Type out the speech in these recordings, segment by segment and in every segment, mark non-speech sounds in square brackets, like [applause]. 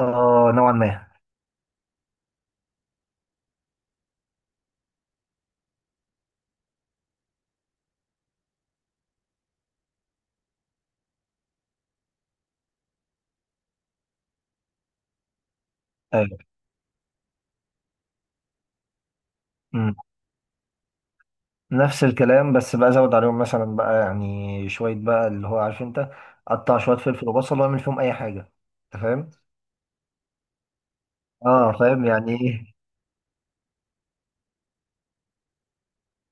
اه نوعا ما. ايوه. أمم. نفس الكلام، بس بقى زود عليهم مثلا بقى يعني شويه بقى اللي هو عارف انت. قطع شويه فلفل وبصل واعمل فيهم اي حاجه. انت فاهم؟ اه فاهم يعني ايه.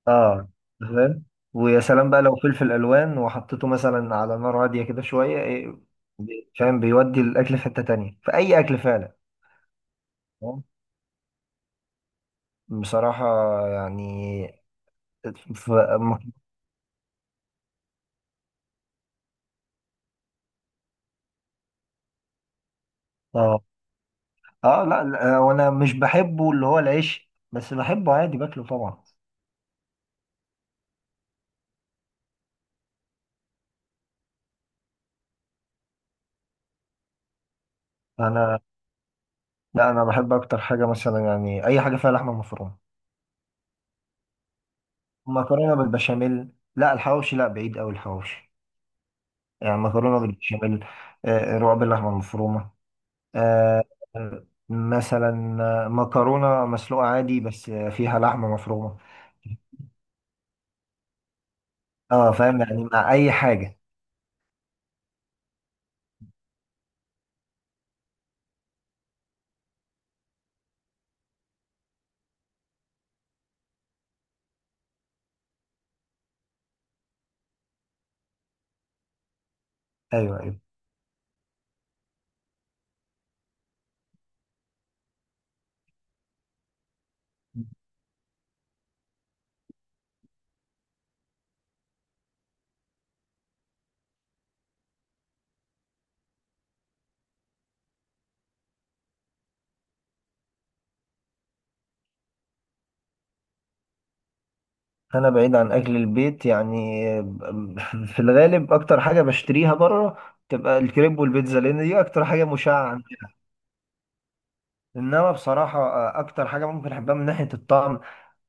اه، أنت فاهم. ويا سلام بقى لو فلفل الوان وحطيته مثلا على نار هاديه كده شويه إيه. فاهم، بيودي الاكل في حته تانية في اي اكل فعلا. فاهم؟ بصراحه يعني ف... م- اه. اه، لا لا، وانا مش بحبه اللي هو العيش، بس بحبه عادي باكله طبعا. انا، لا انا بحب اكتر حاجه مثلا يعني اي حاجه فيها لحمه مفرومه. مكرونه بالبشاميل. لا، الحواوشي لا، بعيد قوي الحواوشي. يعني مكرونه بالبشاميل، رقاق باللحمه المفرومه، آه، مثلا مكرونه مسلوقه عادي، بس فيها لحمه مفرومه. اه، فاهم يعني مع اي حاجه. ايوه ايوه. انا بعيد عن اكل البيت يعني، [laughs] في الغالب اكتر حاجه بشتريها بره تبقى الكريب والبيتزا، لان دي اكتر حاجه مشعه عندنا. انما بصراحة اكتر حاجة ممكن احبها من ناحية الطعم،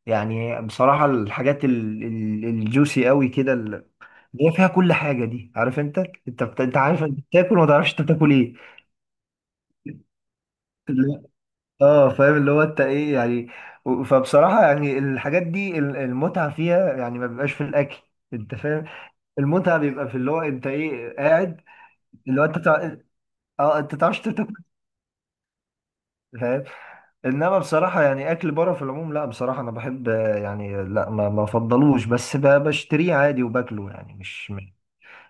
يعني بصراحة الحاجات الجوسي قوي كده، اللي هي فيها كل حاجة دي، عارف انت. انت انت عارف انت بتاكل وما تعرفش انت بتاكل ايه. اللي- اه، فاهم اللي هو انت ايه يعني. فبصراحة يعني الحاجات دي المتعة فيها يعني ما بيبقاش في الاكل. انت فاهم. المتعة بيبقى في اللي هو انت ايه قاعد. اللي هو انت تع- اه، انت تعرفش انت بتاكل. فاهم. انما بصراحه يعني اكل بره في العموم، لا بصراحه انا بحب يعني. لا، ما افضلوش، بس بشتريه عادي وباكله، يعني مش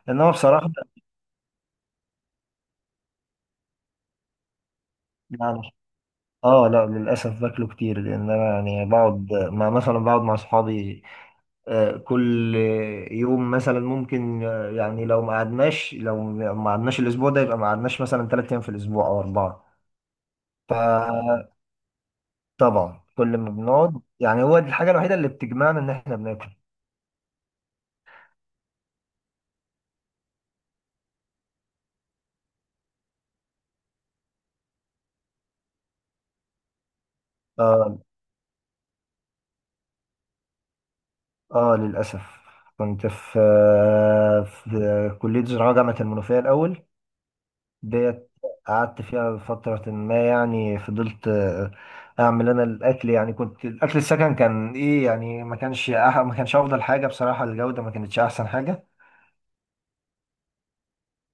انما بصراحه يعني. اه، لا للاسف باكله كتير، لان انا يعني بقعد مع اصحابي. كل يوم مثلا ممكن، يعني لو ما قعدناش الاسبوع ده، يبقى ما قعدناش مثلا 3 ايام في الاسبوع او 4. فطبعا كل ما بنقعد، يعني هو دي الحاجه الوحيده اللي بتجمعنا ان احنا بناكل. آه، اه، للأسف. كنت في كلية زراعة جامعة المنوفية الأول، ديت قعدت فيها فترة ما. يعني فضلت أعمل أنا الأكل، يعني كنت الأكل السكن كان إيه يعني ما كانش أفضل حاجة بصراحة، الجودة ما كانتش أحسن حاجة.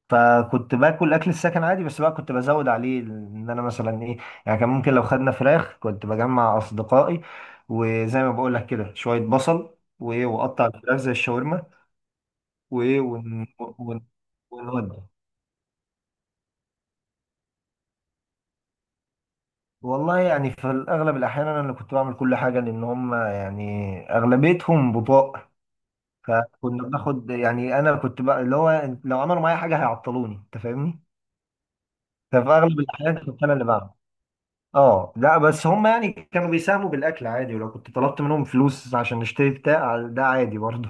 فكنت باكل أكل السكن عادي، بس بقى كنت بزود عليه إن أنا مثلا إيه. يعني كان ممكن لو خدنا فراخ كنت بجمع أصدقائي، وزي ما بقول لك كده شوية بصل وإيه وأقطع الفراخ زي الشاورما. وايه ون... ون... ونودي. والله يعني في الأغلب الأحيان أنا اللي كنت بعمل كل حاجة، لأن هم يعني أغلبيتهم بطاء. فكنا بناخد، يعني أنا كنت بقى اللي هو لو عملوا معايا حاجة هيعطلوني. أنت فاهمني؟ ففي أغلب الأحيان كنت أنا اللي بعمل. أه، لا، بس هم يعني كانوا بيساهموا بالأكل عادي، ولو كنت طلبت منهم فلوس عشان نشتري بتاع، ده عادي برضه.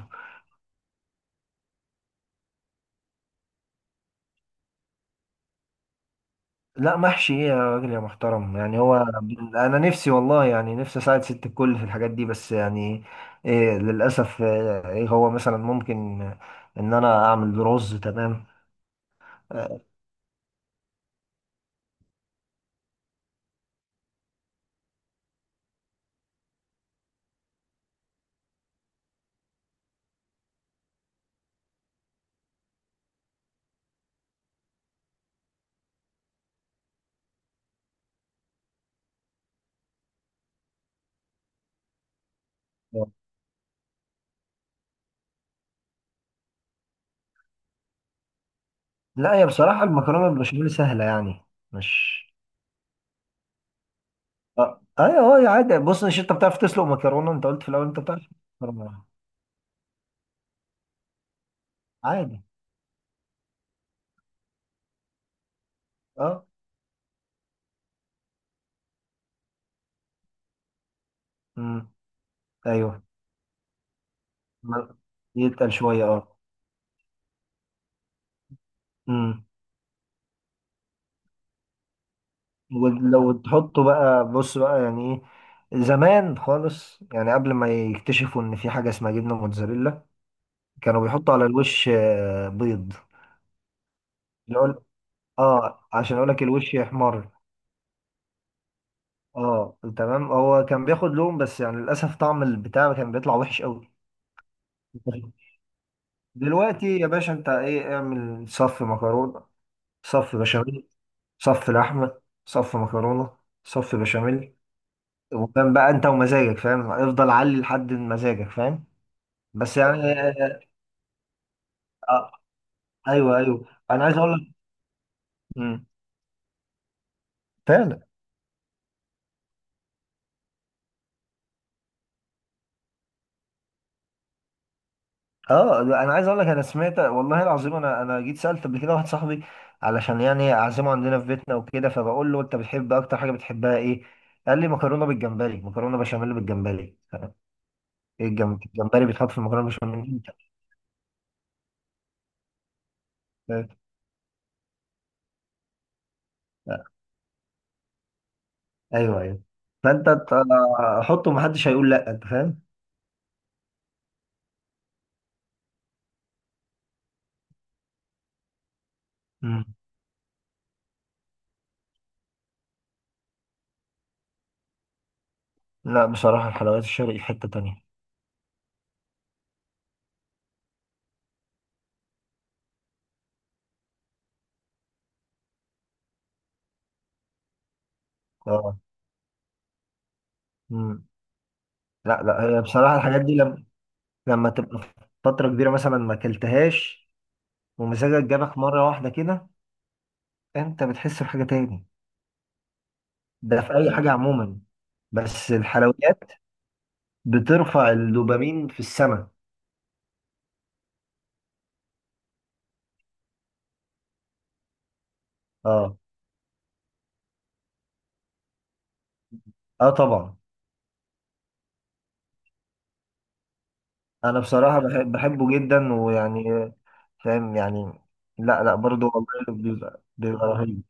لا، محشي ايه يا راجل يا محترم، يعني هو انا نفسي والله يعني نفسي اساعد ست الكل في الحاجات دي، بس يعني إيه للاسف. ايه هو مثلا ممكن ان انا اعمل رز، تمام. آه، لا هي بصراحه المكرونه بالبشاميل سهله يعني، مش. اه، ايوه. اه، عادي. بص، مش انت بتعرف تسلق مكرونه؟ انت قلت في الاول انت بتعرف تسلق مكرونه عادي. اه. امم. ايوه. ما- يتقل شويه. اه. ولو تحطه بقى، بص بقى يعني ايه، زمان خالص يعني قبل ما يكتشفوا ان في حاجة اسمها جبنة موتزاريلا كانوا بيحطوا على الوش بيض. يقول، اه، عشان اقول لك الوش يحمر. اه، تمام. هو كان بياخد لون، بس يعني للاسف طعم البتاع كان بيطلع وحش قوي. دلوقتي يا باشا انت ايه؟ اعمل صف مكرونة، صف بشاميل، صف لحمة، صف مكرونة، صف بشاميل. وكان بقى انت ومزاجك، فاهم؟ افضل علي لحد مزاجك، فاهم؟ بس يعني آه. آه، ايوه ايوه، انا عايز اقول لك. مم. فعلا. اه، انا عايز اقول لك، انا سمعت والله العظيم، انا جيت سالت قبل كده واحد صاحبي علشان يعني اعزمه عندنا في بيتنا وكده، فبقول له انت بتحب اكتر حاجه بتحبها ايه؟ قال لي مكرونه بالجمبري، مكرونه بشاميل بالجمبري. ايه، الجمبري بيتحط في المكرونه بشاميل انت؟ فاهم؟ آه، ايوه ايوه. فانت حطه، محدش هيقول لا، انت فاهم؟ مم. لا بصراحه الحلويات الشرقي في حته تانيه. اه. مم. لا لا، هي بصراحه الحاجات دي لما تبقى فترة كبيرة مثلا ما اكلتهاش، ومزاجك جابك مرة واحدة كده، انت بتحس بحاجة تاني. ده في أي حاجة عموما، بس الحلويات بترفع الدوبامين في السماء. اه. اه، طبعا. انا بصراحة بحبه جدا، ويعني فاهم يعني. لا لا، برضو والله بيبقى رهيب.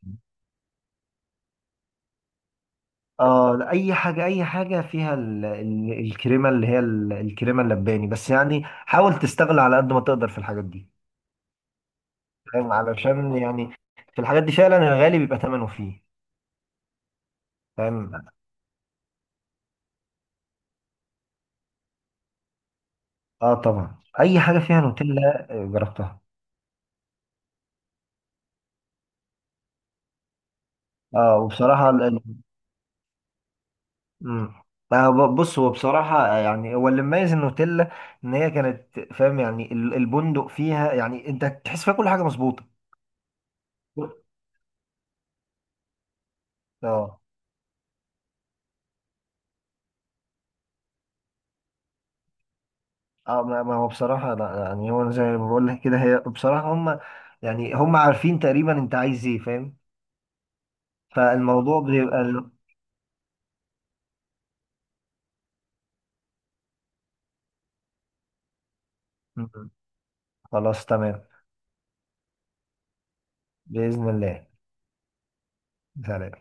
اه، لا، اي حاجة، اي حاجة فيها الكريمة، اللي هي الكريمة اللباني، بس يعني حاول تستغل على قد ما تقدر في الحاجات دي. فاهم، علشان يعني في الحاجات دي فعلا الغالي بيبقى ثمنه فيه. فاهم. اه، طبعا اي حاجه فيها نوتيلا جربتها. اه، وبصراحه مم. بص، هو بصراحه يعني هو اللي مميز النوتيلا ان هي كانت فاهم يعني البندق فيها، يعني انت تحس فيها كل حاجه مظبوطه. اه. اه، ما هو بصراحة لا، يعني هو زي ما بقول لك كده، هي بصراحة هم يعني هم عارفين تقريبا انت عايز ايه، فاهم. فالموضوع بيبقى م- خلاص، تمام. بإذن الله. هلا.